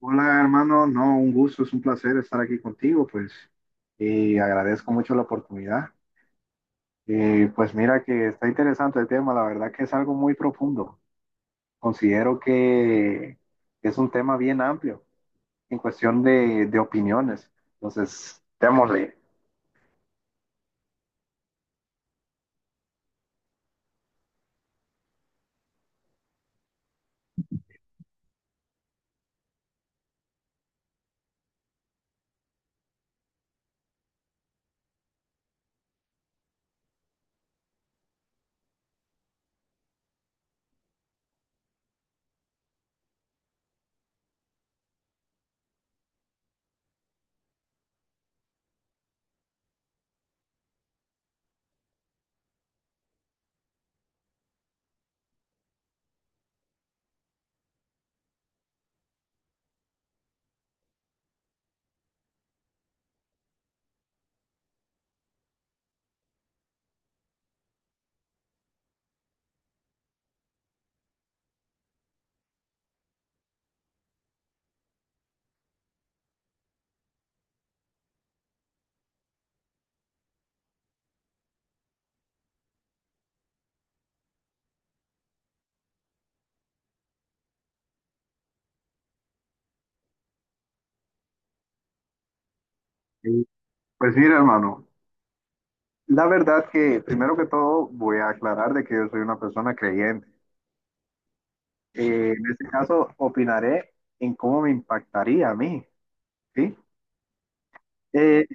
Hola, hermano. No, un gusto, es un placer estar aquí contigo, pues, y agradezco mucho la oportunidad. Y pues mira que está interesante el tema, la verdad que es algo muy profundo. Considero que es un tema bien amplio en cuestión de opiniones. Entonces, démosle. Y, Pues mira, hermano, la verdad que primero que todo voy a aclarar de que yo soy una persona creyente. En este caso, opinaré en cómo me impactaría a mí, ¿sí? Eh,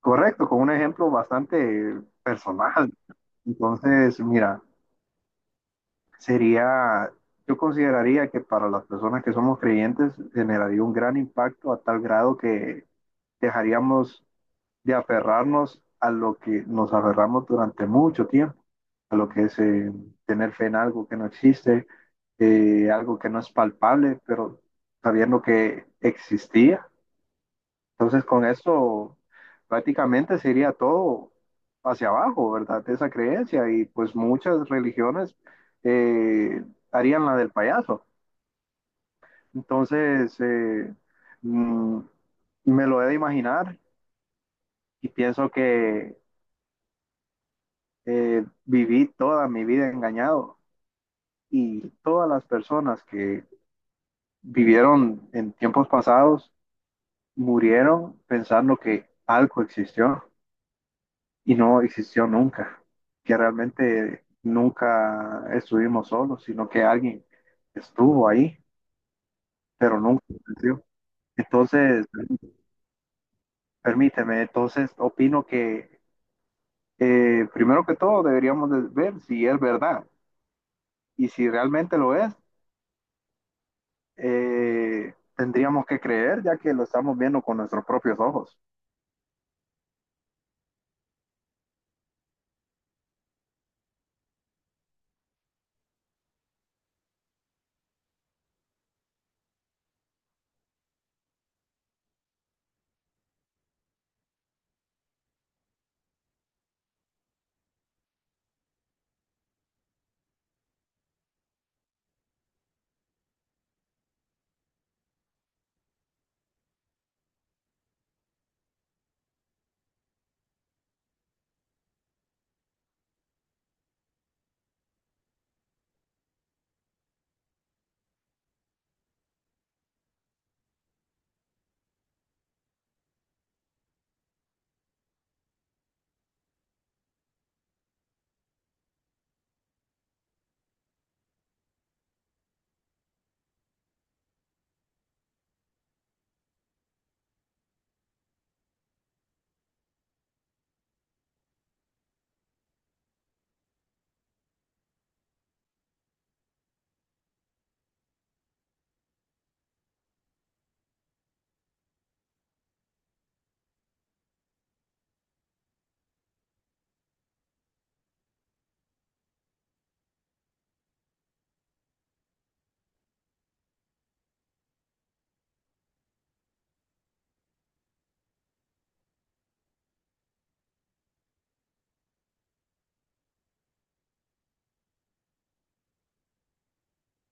Correcto, con un ejemplo bastante personal. Entonces, mira, sería, yo consideraría que para las personas que somos creyentes generaría un gran impacto a tal grado que dejaríamos de aferrarnos a lo que nos aferramos durante mucho tiempo, a lo que es tener fe en algo que no existe, algo que no es palpable, pero sabiendo que existía entonces, con eso prácticamente sería todo hacia abajo, ¿verdad? De esa creencia y pues muchas religiones eh, harían la del payaso. Entonces, mm, me lo he de imaginar y pienso que viví toda mi vida engañado y todas las personas que vivieron en tiempos pasados murieron pensando que algo existió, y no existió nunca, que realmente nunca estuvimos solos, sino que alguien estuvo ahí, pero nunca existió. Entonces, permíteme, entonces opino que primero que todo deberíamos de ver si es verdad, y si realmente lo es, tendríamos que creer ya que lo estamos viendo con nuestros propios ojos.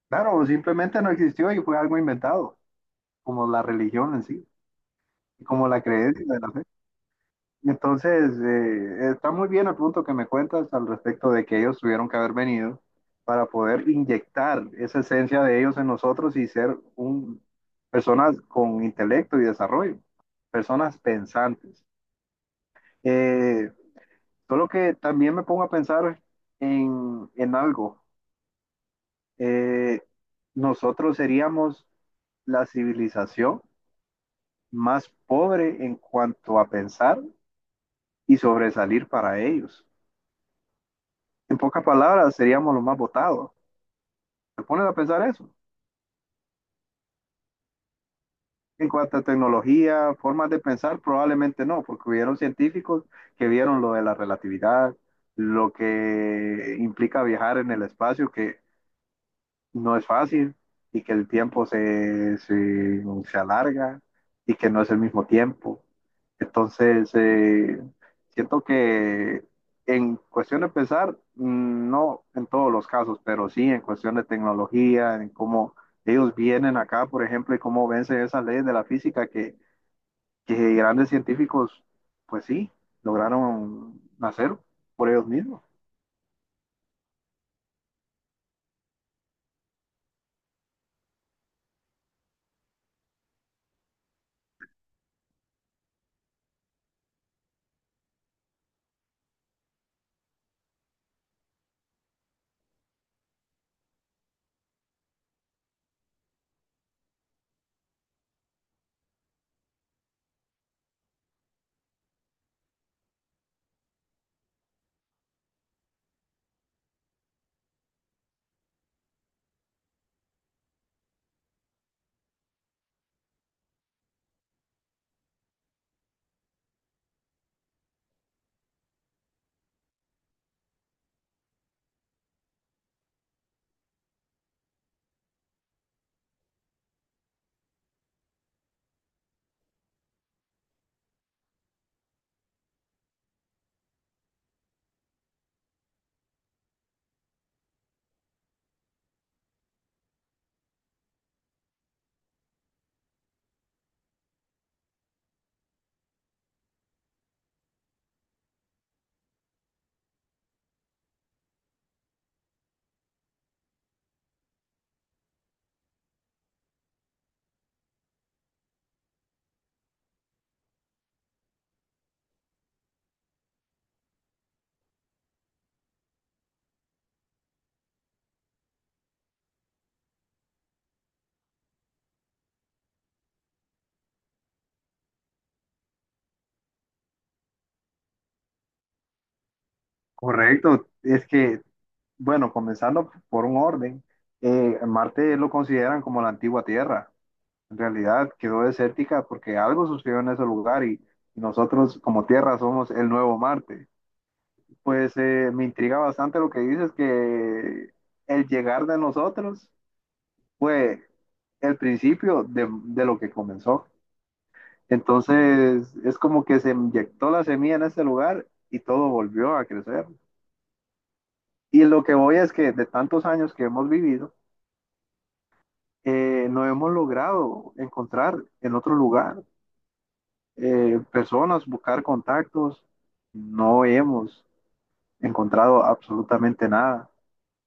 Claro, simplemente no existió y fue algo inventado, como la religión en sí, y como la creencia de la fe. Entonces, está muy bien el punto que me cuentas al respecto de que ellos tuvieron que haber venido para poder inyectar esa esencia de ellos en nosotros y ser un, personas con intelecto y desarrollo, personas pensantes. Eh, Solo que también me pongo a pensar en algo. Eh, Nosotros seríamos la civilización más pobre en cuanto a pensar y sobresalir para ellos. En pocas palabras, seríamos los más votados. ¿Te pones a pensar eso? En cuanto a tecnología, formas de pensar, probablemente no, porque hubieron científicos que vieron lo de la relatividad, lo que implica viajar en el espacio, que no es fácil y que el tiempo se alarga y que no es el mismo tiempo. Entonces, siento que en cuestión de pensar, mm, no en todos los casos, pero sí en cuestión de tecnología, en cómo ellos vienen acá, por ejemplo, y cómo vencen esas leyes de la física que grandes científicos, pues sí, lograron hacer por ellos mismos. Correcto, es que, bueno, comenzando por un orden, Marte lo consideran como la antigua Tierra. En realidad quedó desértica porque algo sucedió en ese lugar y nosotros como Tierra somos el nuevo Marte. Pues me intriga bastante lo que dices, que el llegar de nosotros fue el principio de lo que comenzó. Entonces es como que se inyectó la semilla en ese lugar y todo volvió a crecer. Y lo que voy es que de tantos años que hemos vivido, no hemos logrado encontrar en otro lugar personas, buscar contactos. No hemos encontrado absolutamente nada.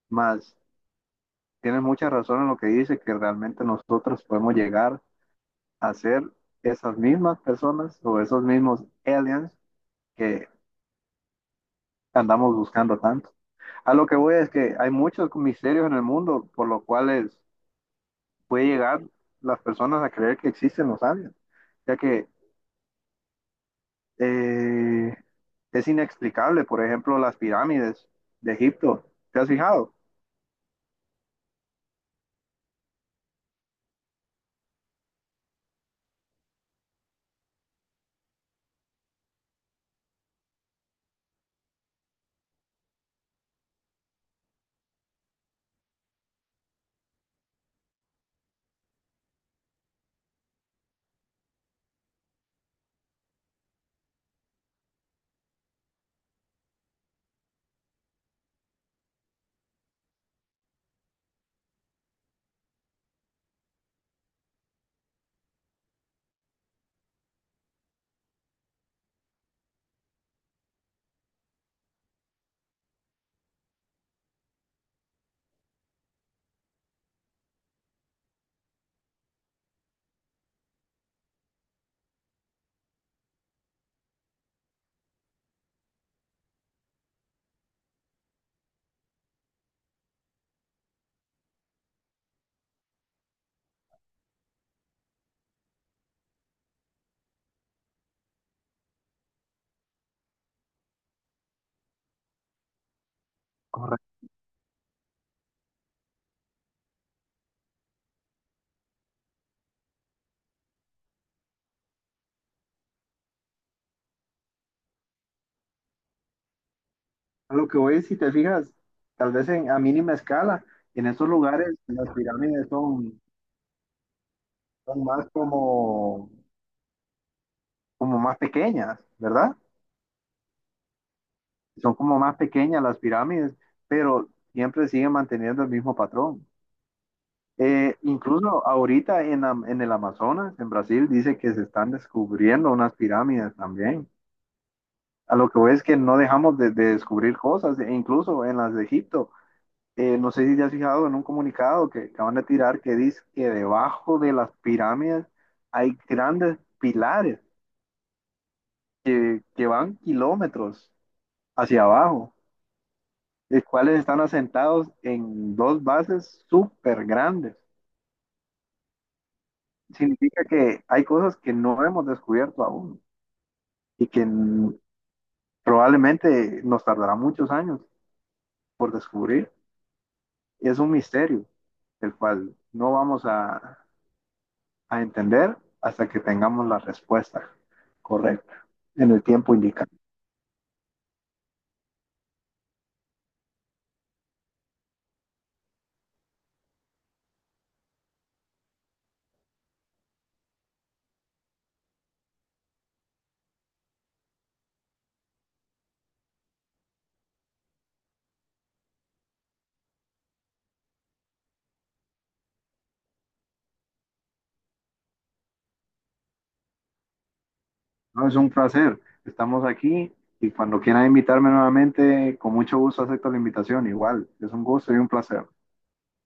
Más, tienes mucha razón en lo que dice, que realmente nosotros podemos llegar a ser esas mismas personas o esos mismos aliens que andamos buscando tanto. A lo que voy es que hay muchos misterios en el mundo por los cuales puede llegar las personas a creer que existen los aliens, ya que eh, es inexplicable, por ejemplo, las pirámides de Egipto, ¿te has fijado? Correcto. A lo que voy, si te fijas, tal vez en, a mínima escala, en estos lugares las pirámides son, son más como, como más pequeñas, ¿verdad? Son como más pequeñas las pirámides, pero siempre siguen manteniendo el mismo patrón. Incluso ahorita en, en el Amazonas, en Brasil, dice que se están descubriendo unas pirámides también. A lo que voy es que no dejamos de descubrir cosas, e incluso en las de Egipto. No sé si te has fijado en un comunicado que acaban de tirar que dice que debajo de las pirámides hay grandes pilares que van kilómetros hacia abajo, los cuales están asentados en dos bases súper grandes. Significa que hay cosas que no hemos descubierto aún, y que probablemente nos tardará muchos años por descubrir. Es un misterio, el cual no vamos a entender hasta que tengamos la respuesta correcta en el tiempo indicado. No, es un placer. Estamos aquí y cuando quieran invitarme nuevamente, con mucho gusto acepto la invitación. Igual, es un gusto y un placer.